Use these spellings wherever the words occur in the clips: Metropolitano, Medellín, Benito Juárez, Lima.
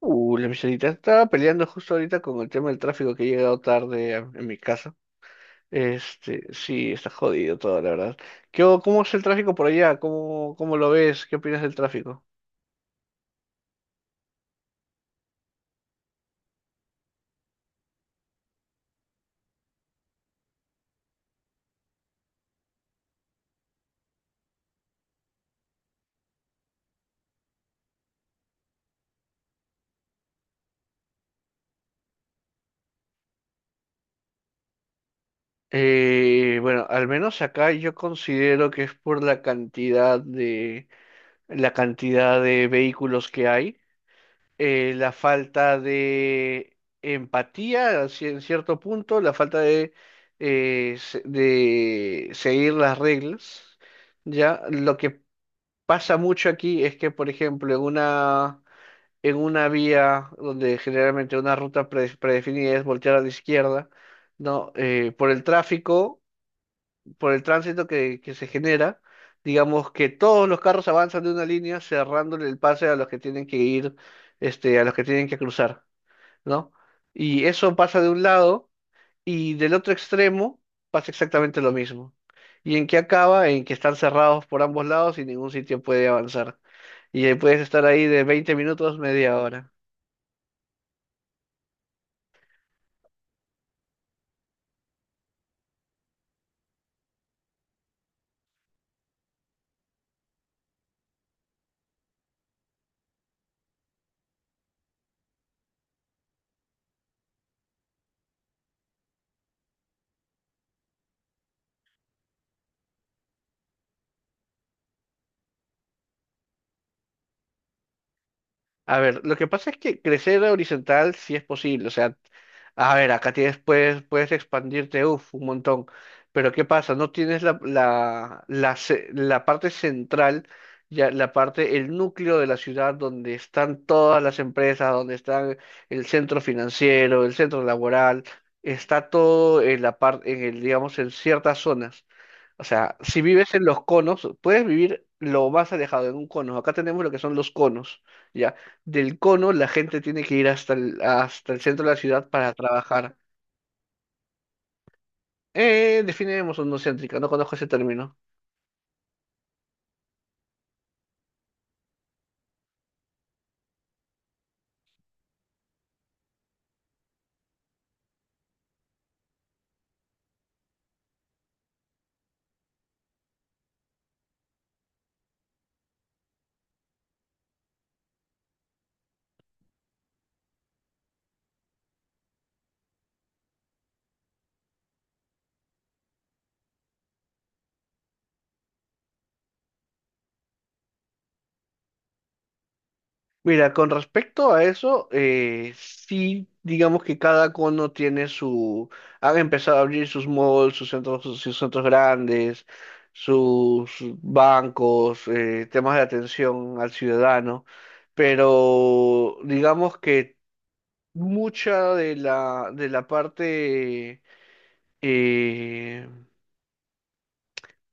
La Michelita estaba peleando justo ahorita con el tema del tráfico que he llegado tarde en mi casa. Sí, está jodido todo, la verdad. Cómo es el tráfico por allá? ¿Cómo lo ves? ¿Qué opinas del tráfico? Bueno, al menos acá yo considero que es por la cantidad de vehículos que hay. La falta de empatía en cierto punto, la falta de seguir las reglas, ¿ya? Lo que pasa mucho aquí es que, por ejemplo, en una vía donde generalmente una ruta predefinida es voltear a la izquierda, ¿no? Por el tráfico, por el tránsito que se genera, digamos que todos los carros avanzan de una línea cerrándole el pase a los que tienen que ir, a los que tienen que cruzar. ¿No? Y eso pasa de un lado y del otro extremo pasa exactamente lo mismo. ¿Y en qué acaba? En que están cerrados por ambos lados y ningún sitio puede avanzar. Y ahí puedes estar ahí de 20 minutos, media hora. A ver, lo que pasa es que crecer horizontal sí es posible, o sea, a ver, acá tienes, puedes expandirte, uff, un montón, pero ¿qué pasa? No tienes la parte central, ya la parte, el núcleo de la ciudad donde están todas las empresas, donde está el centro financiero, el centro laboral, está todo en la parte, en el, digamos, en ciertas zonas. O sea, si vives en los conos, puedes vivir lo más alejado en un cono. Acá tenemos lo que son los conos, ¿ya? Del cono la gente tiene que ir hasta el centro de la ciudad para trabajar. Definiremos no céntrica, no conozco ese término. Mira, con respecto a eso, sí, digamos que cada cono han empezado a abrir sus malls, sus centros grandes, sus bancos, temas de atención al ciudadano, pero digamos que mucha de la parte eh,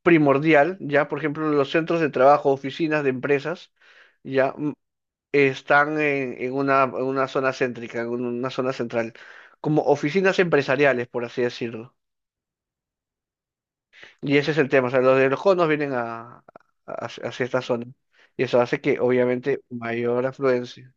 primordial, ya, por ejemplo, los centros de trabajo, oficinas de empresas, ya. Están en una zona céntrica, en una zona central, como oficinas empresariales, por así decirlo. Y ese es el tema, o sea, los de los conos vienen hacia esta zona. Y eso hace que, obviamente, mayor afluencia.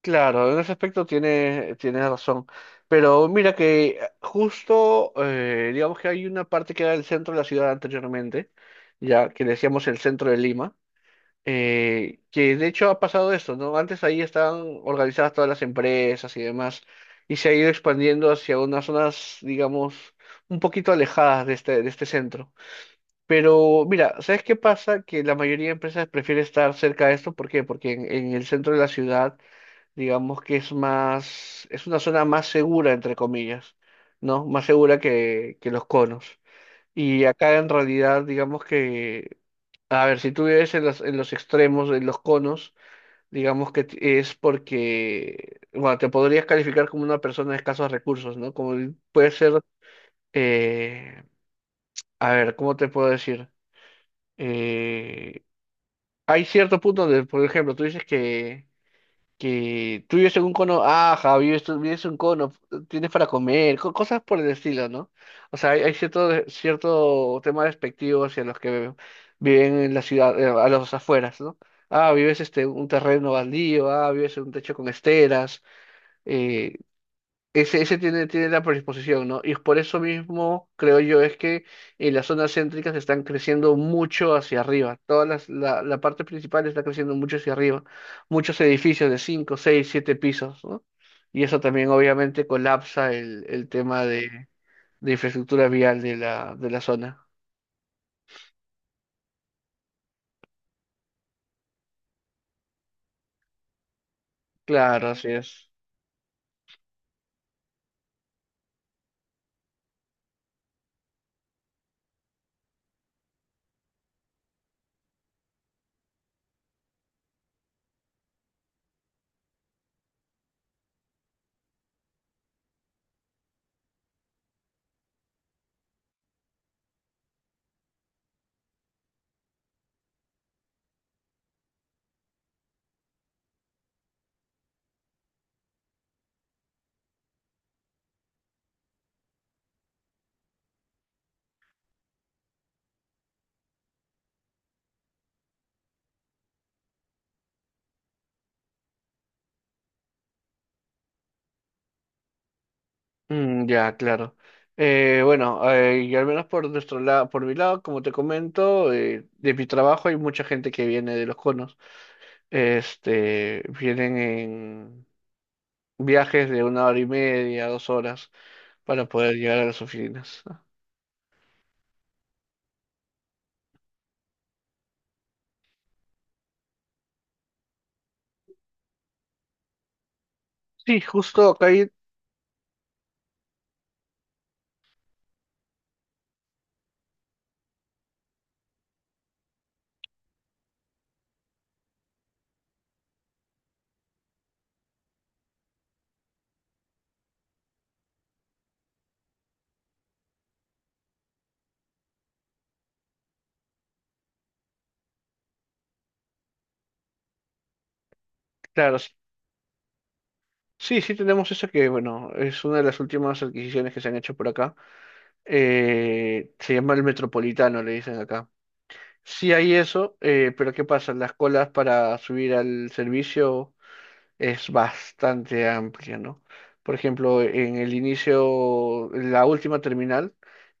Claro, en ese aspecto tiene razón. Pero mira que justo, digamos que hay una parte que era el centro de la ciudad anteriormente, ya que le decíamos el centro de Lima, que de hecho ha pasado esto, ¿no? Antes ahí estaban organizadas todas las empresas y demás, y se ha ido expandiendo hacia unas zonas, digamos, un poquito alejadas de este centro. Pero mira, ¿sabes qué pasa? Que la mayoría de empresas prefiere estar cerca de esto, ¿por qué? Porque en el centro de la ciudad, digamos que es una zona más segura, entre comillas, ¿no? Más segura que los conos. Y acá en realidad, digamos que a ver, si tú vives en los extremos, en los conos, digamos que es porque, bueno, te podrías calificar como una persona de escasos recursos, ¿no? Puede ser, eh, a ver, ¿cómo te puedo decir? Eh, Hay cierto punto donde, por ejemplo, tú dices que tú vives en un cono, ajá, vives en un cono, tienes para comer, cosas por el estilo, ¿no? O sea, hay cierto tema despectivo hacia los que viven en la ciudad, a los afueras, ¿no? Ah, vives un terreno baldío, ah, vives en un techo con esteras, eh, ese tiene la predisposición, ¿no? Y por eso mismo creo yo es que en las zonas céntricas están creciendo mucho hacia arriba. Todas la parte principal está creciendo mucho hacia arriba. Muchos edificios de 5, 6, 7 pisos, ¿no? Y eso también obviamente colapsa el tema de infraestructura vial de la zona. Claro, así es. Mm, ya, claro. Bueno, y al menos por nuestro lado, por mi lado, como te comento, de mi trabajo hay mucha gente que viene de los conos. Vienen en viajes de 1 hora y media, 2 horas, para poder llegar a las oficinas. Sí, justo acá claro, sí, sí tenemos eso que, bueno, es una de las últimas adquisiciones que se han hecho por acá. Se llama el Metropolitano, le dicen acá. Sí hay eso, pero ¿qué pasa? Las colas para subir al servicio es bastante amplia, ¿no? Por ejemplo, en el inicio, la última terminal,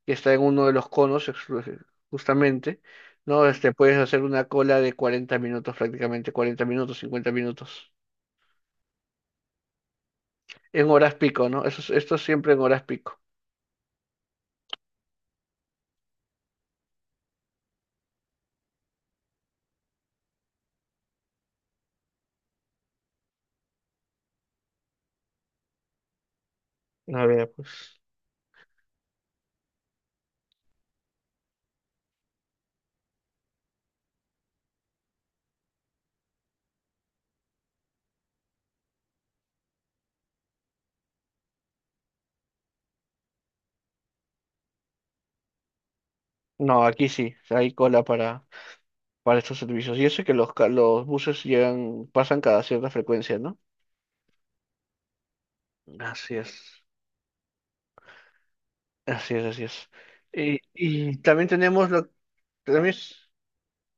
que está en uno de los conos, justamente, ¿no? Puedes hacer una cola de 40 minutos prácticamente, 40 minutos, 50 minutos, en horas pico, ¿no? Esto es siempre en horas pico. A ver, pues. No, aquí sí, hay cola para estos servicios. Y eso que los buses llegan, pasan cada cierta frecuencia, ¿no? Así es. Así es, así es. Y también tenemos lo, también es-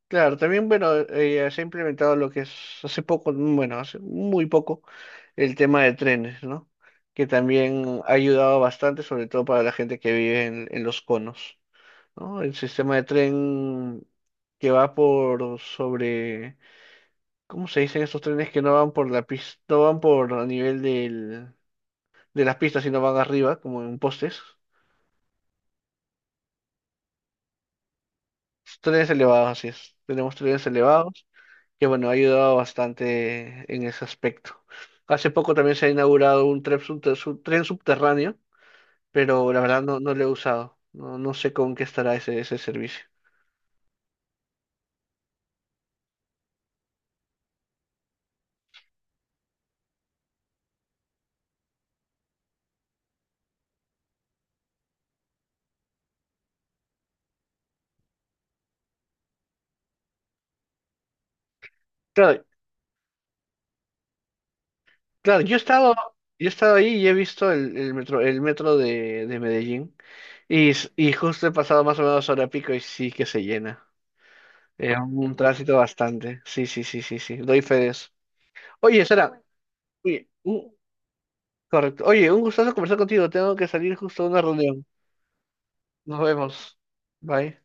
claro, también, bueno, se ha implementado lo que es hace poco, bueno, hace muy poco, el tema de trenes, ¿no? Que también ha ayudado bastante, sobre todo para la gente que vive en los conos, ¿no? El sistema de tren que va por sobre, ¿cómo se dicen esos trenes que no van por la pista, no van por a nivel de las pistas, sino van arriba, como en postes? Tres elevados, así es. Tenemos tres elevados, que bueno, ha ayudado bastante en ese aspecto. Hace poco también se ha inaugurado un tren subterráneo, pero la verdad no, no lo he usado. No, no sé con qué estará ese servicio. Claro, claro, yo he estado ahí y he visto el metro, el metro de Medellín. Y justo he pasado más o menos hora pico y sí que se llena. Es un tránsito bastante. Sí, sí, sí, sí, sí. Doy fe de eso. Oye, Sara, oye, un, correcto. Oye, un gustazo conversar contigo. Tengo que salir justo a una reunión. Nos vemos. Bye.